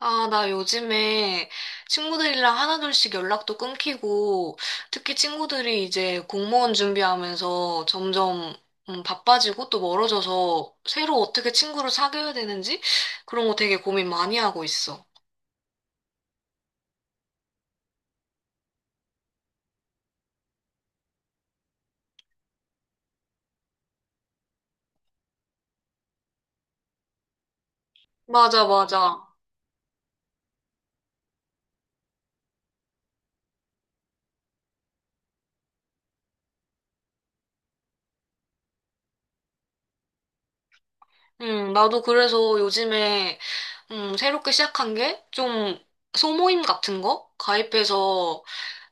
아, 나 요즘에 친구들이랑 하나둘씩 연락도 끊기고, 특히 친구들이 이제 공무원 준비하면서 점점 바빠지고 또 멀어져서 새로 어떻게 친구를 사귀어야 되는지 그런 거 되게 고민 많이 하고 있어. 맞아, 맞아. 나도 그래서 요즘에 새롭게 시작한 게 좀 소모임 같은 거 가입해서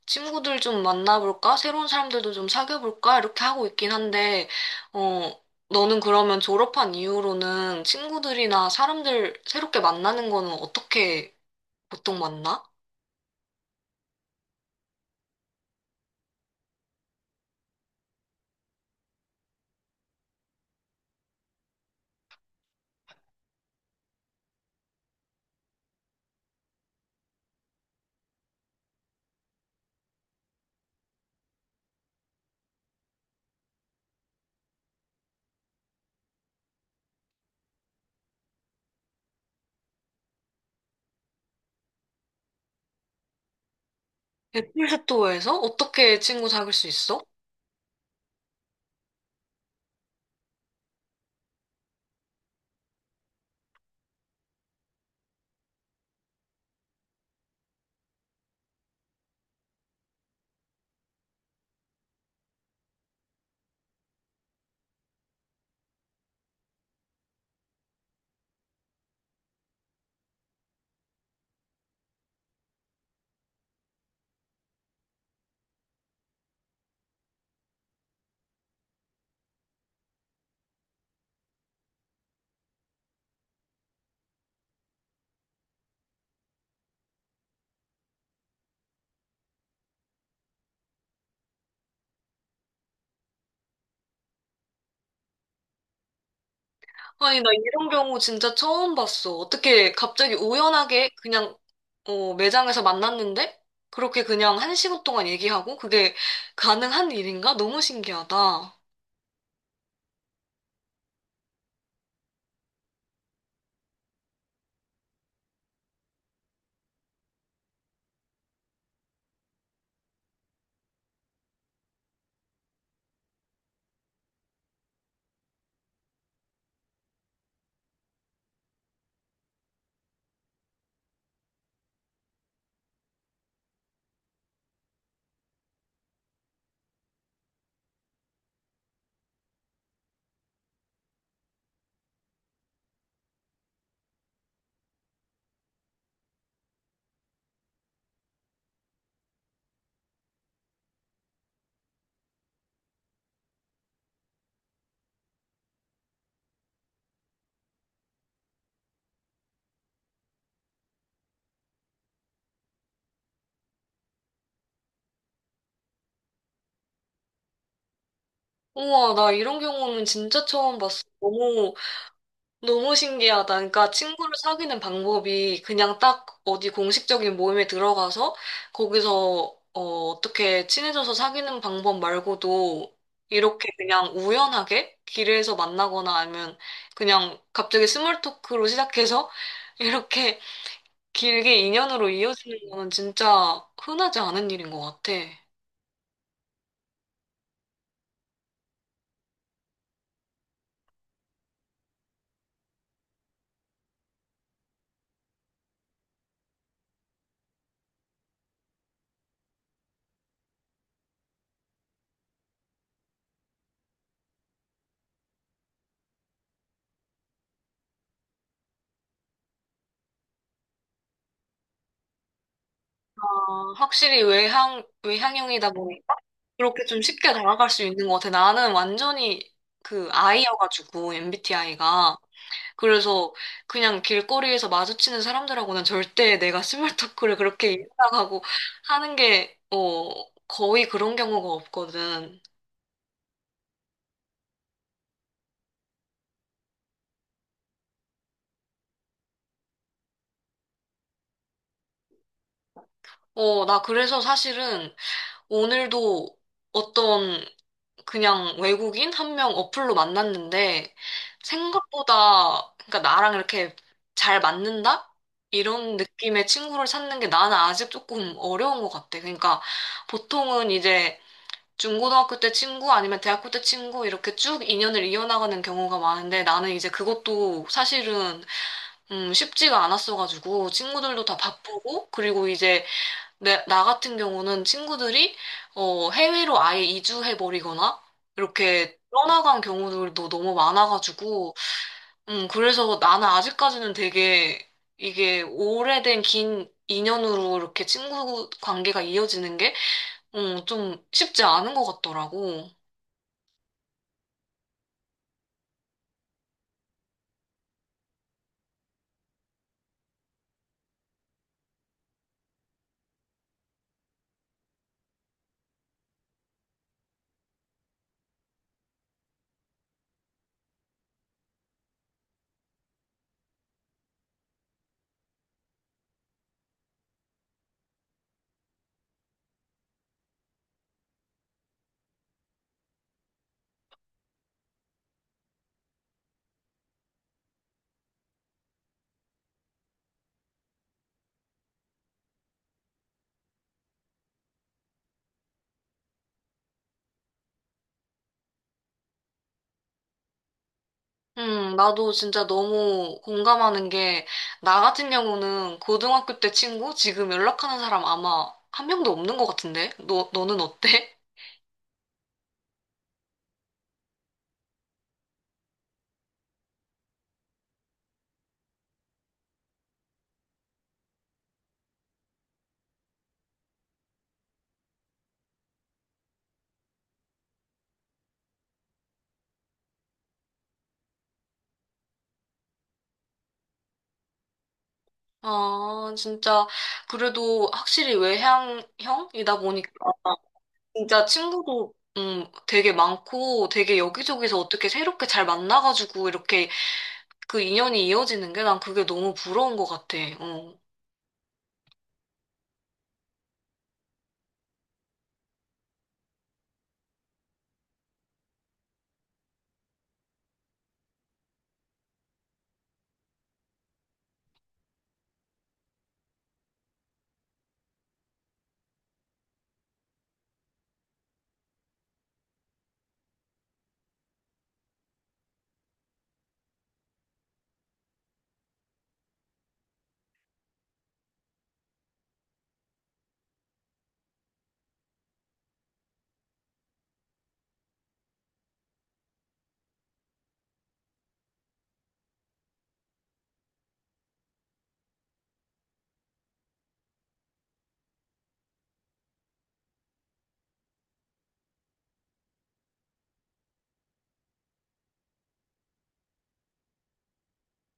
친구들 좀 만나볼까? 새로운 사람들도 좀 사귀어볼까? 이렇게 하고 있긴 한데, 어, 너는 그러면 졸업한 이후로는 친구들이나 사람들 새롭게 만나는 거는 어떻게 보통 만나? 애플스토어에서 어떻게 친구 사귈 수 있어? 아니, 나 이런 경우 진짜 처음 봤어. 어떻게 갑자기 우연하게 그냥, 어, 매장에서 만났는데? 그렇게 그냥 한 시간 동안 얘기하고? 그게 가능한 일인가? 너무 신기하다. 우와, 나 이런 경우는 진짜 처음 봤어. 너무, 너무 신기하다. 그러니까 친구를 사귀는 방법이 그냥 딱 어디 공식적인 모임에 들어가서 거기서 어떻게 친해져서 사귀는 방법 말고도 이렇게 그냥 우연하게 길에서 만나거나 아니면 그냥 갑자기 스몰 토크로 시작해서 이렇게 길게 인연으로 이어지는 거는 진짜 흔하지 않은 일인 것 같아. 아, 확실히 외향형이다 보니까 그렇게 좀 쉽게 다가갈 수 있는 것 같아. 나는 완전히 그 I여가지고, MBTI가. 그래서 그냥 길거리에서 마주치는 사람들하고는 절대 내가 스몰 토크를 그렇게 인사하고 하는 게, 어, 거의 그런 경우가 없거든. 어, 나 그래서 사실은 오늘도 어떤 그냥 외국인 한 명 어플로 만났는데 생각보다 그러니까 나랑 이렇게 잘 맞는다? 이런 느낌의 친구를 찾는 게 나는 아직 조금 어려운 것 같아. 그러니까 보통은 이제 중고등학교 때 친구 아니면 대학교 때 친구 이렇게 쭉 인연을 이어나가는 경우가 많은데 나는 이제 그것도 사실은 쉽지가 않았어가지고 친구들도 다 바쁘고 그리고 이제 나 같은 경우는 친구들이 어, 해외로 아예 이주해버리거나 이렇게 떠나간 경우들도 너무 많아가지고, 그래서 나는 아직까지는 되게 이게 오래된 긴 인연으로 이렇게 친구 관계가 이어지는 게, 좀 쉽지 않은 것 같더라고. 나도 진짜 너무 공감하는 게, 나 같은 경우는 고등학교 때 친구, 지금 연락하는 사람 아마 한 명도 없는 것 같은데? 너는 어때? 아, 진짜, 그래도 확실히 외향형이다 보니까, 진짜 친구도, 되게 많고, 되게 여기저기서 어떻게 새롭게 잘 만나가지고, 이렇게 그 인연이 이어지는 게 난 그게 너무 부러운 것 같아. 어.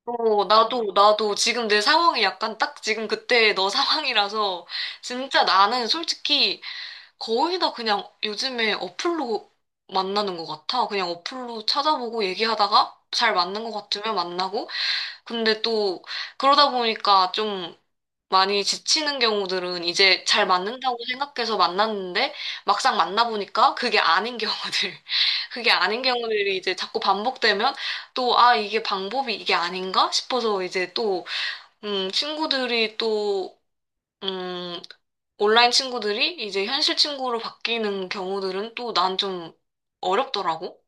나도 지금 내 상황이 약간 딱 지금 그때 너 상황이라서, 진짜 나는 솔직히 거의 다 그냥 요즘에 어플로 만나는 것 같아. 그냥 어플로 찾아보고 얘기하다가 잘 맞는 것 같으면 만나고, 근데 또 그러다 보니까 좀 많이 지치는 경우들은 이제 잘 맞는다고 생각해서 만났는데 막상 만나보니까 그게 아닌 경우들, 그게 아닌 경우들이 이제 자꾸 반복되면 또 아, 이게 방법이 이게 아닌가 싶어서 이제 친구들이 음, 온라인 친구들이 이제 현실 친구로 바뀌는 경우들은 또 난 좀 어렵더라고.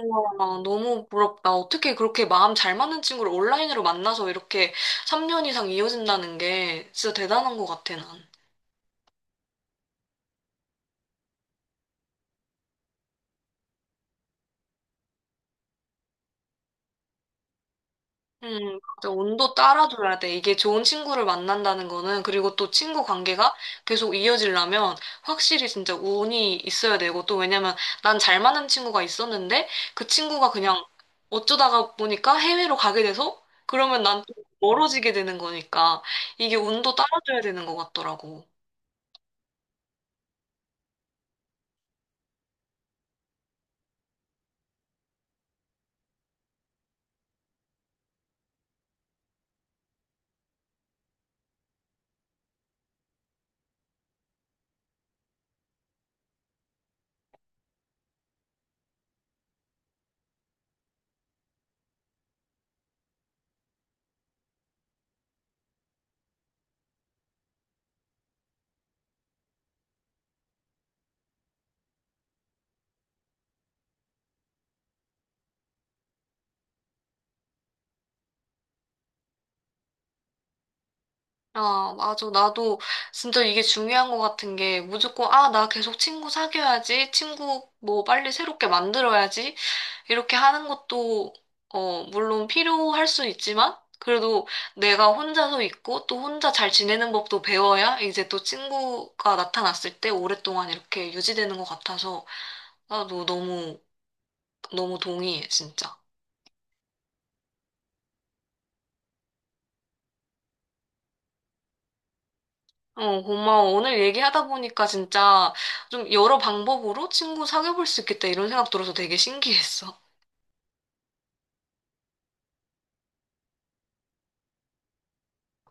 우와, 너무 부럽다. 어떻게 그렇게 마음 잘 맞는 친구를 온라인으로 만나서 이렇게 3년 이상 이어진다는 게 진짜 대단한 것 같아, 난. 맞아. 운도 따라줘야 돼. 이게 좋은 친구를 만난다는 거는, 그리고 또 친구 관계가 계속 이어지려면 확실히 진짜 운이 있어야 되고, 또 왜냐면 난 잘 맞는 친구가 있었는데, 그 친구가 그냥 어쩌다가 보니까 해외로 가게 돼서, 그러면 난 또 멀어지게 되는 거니까, 이게 운도 따라줘야 되는 것 같더라고. 아, 맞아. 나도 진짜 이게 중요한 것 같은 게 무조건, 아, 나 계속 친구 사귀어야지, 친구 뭐 빨리 새롭게 만들어야지, 이렇게 하는 것도, 어, 물론 필요할 수 있지만, 그래도 내가 혼자서 있고 또 혼자 잘 지내는 법도 배워야 이제 또 친구가 나타났을 때 오랫동안 이렇게 유지되는 것 같아서 나도 너무, 너무 동의해, 진짜. 어, 고마워. 오늘 얘기하다 보니까 진짜 좀 여러 방법으로 친구 사귀어볼 수 있겠다 이런 생각 들어서 되게 신기했어.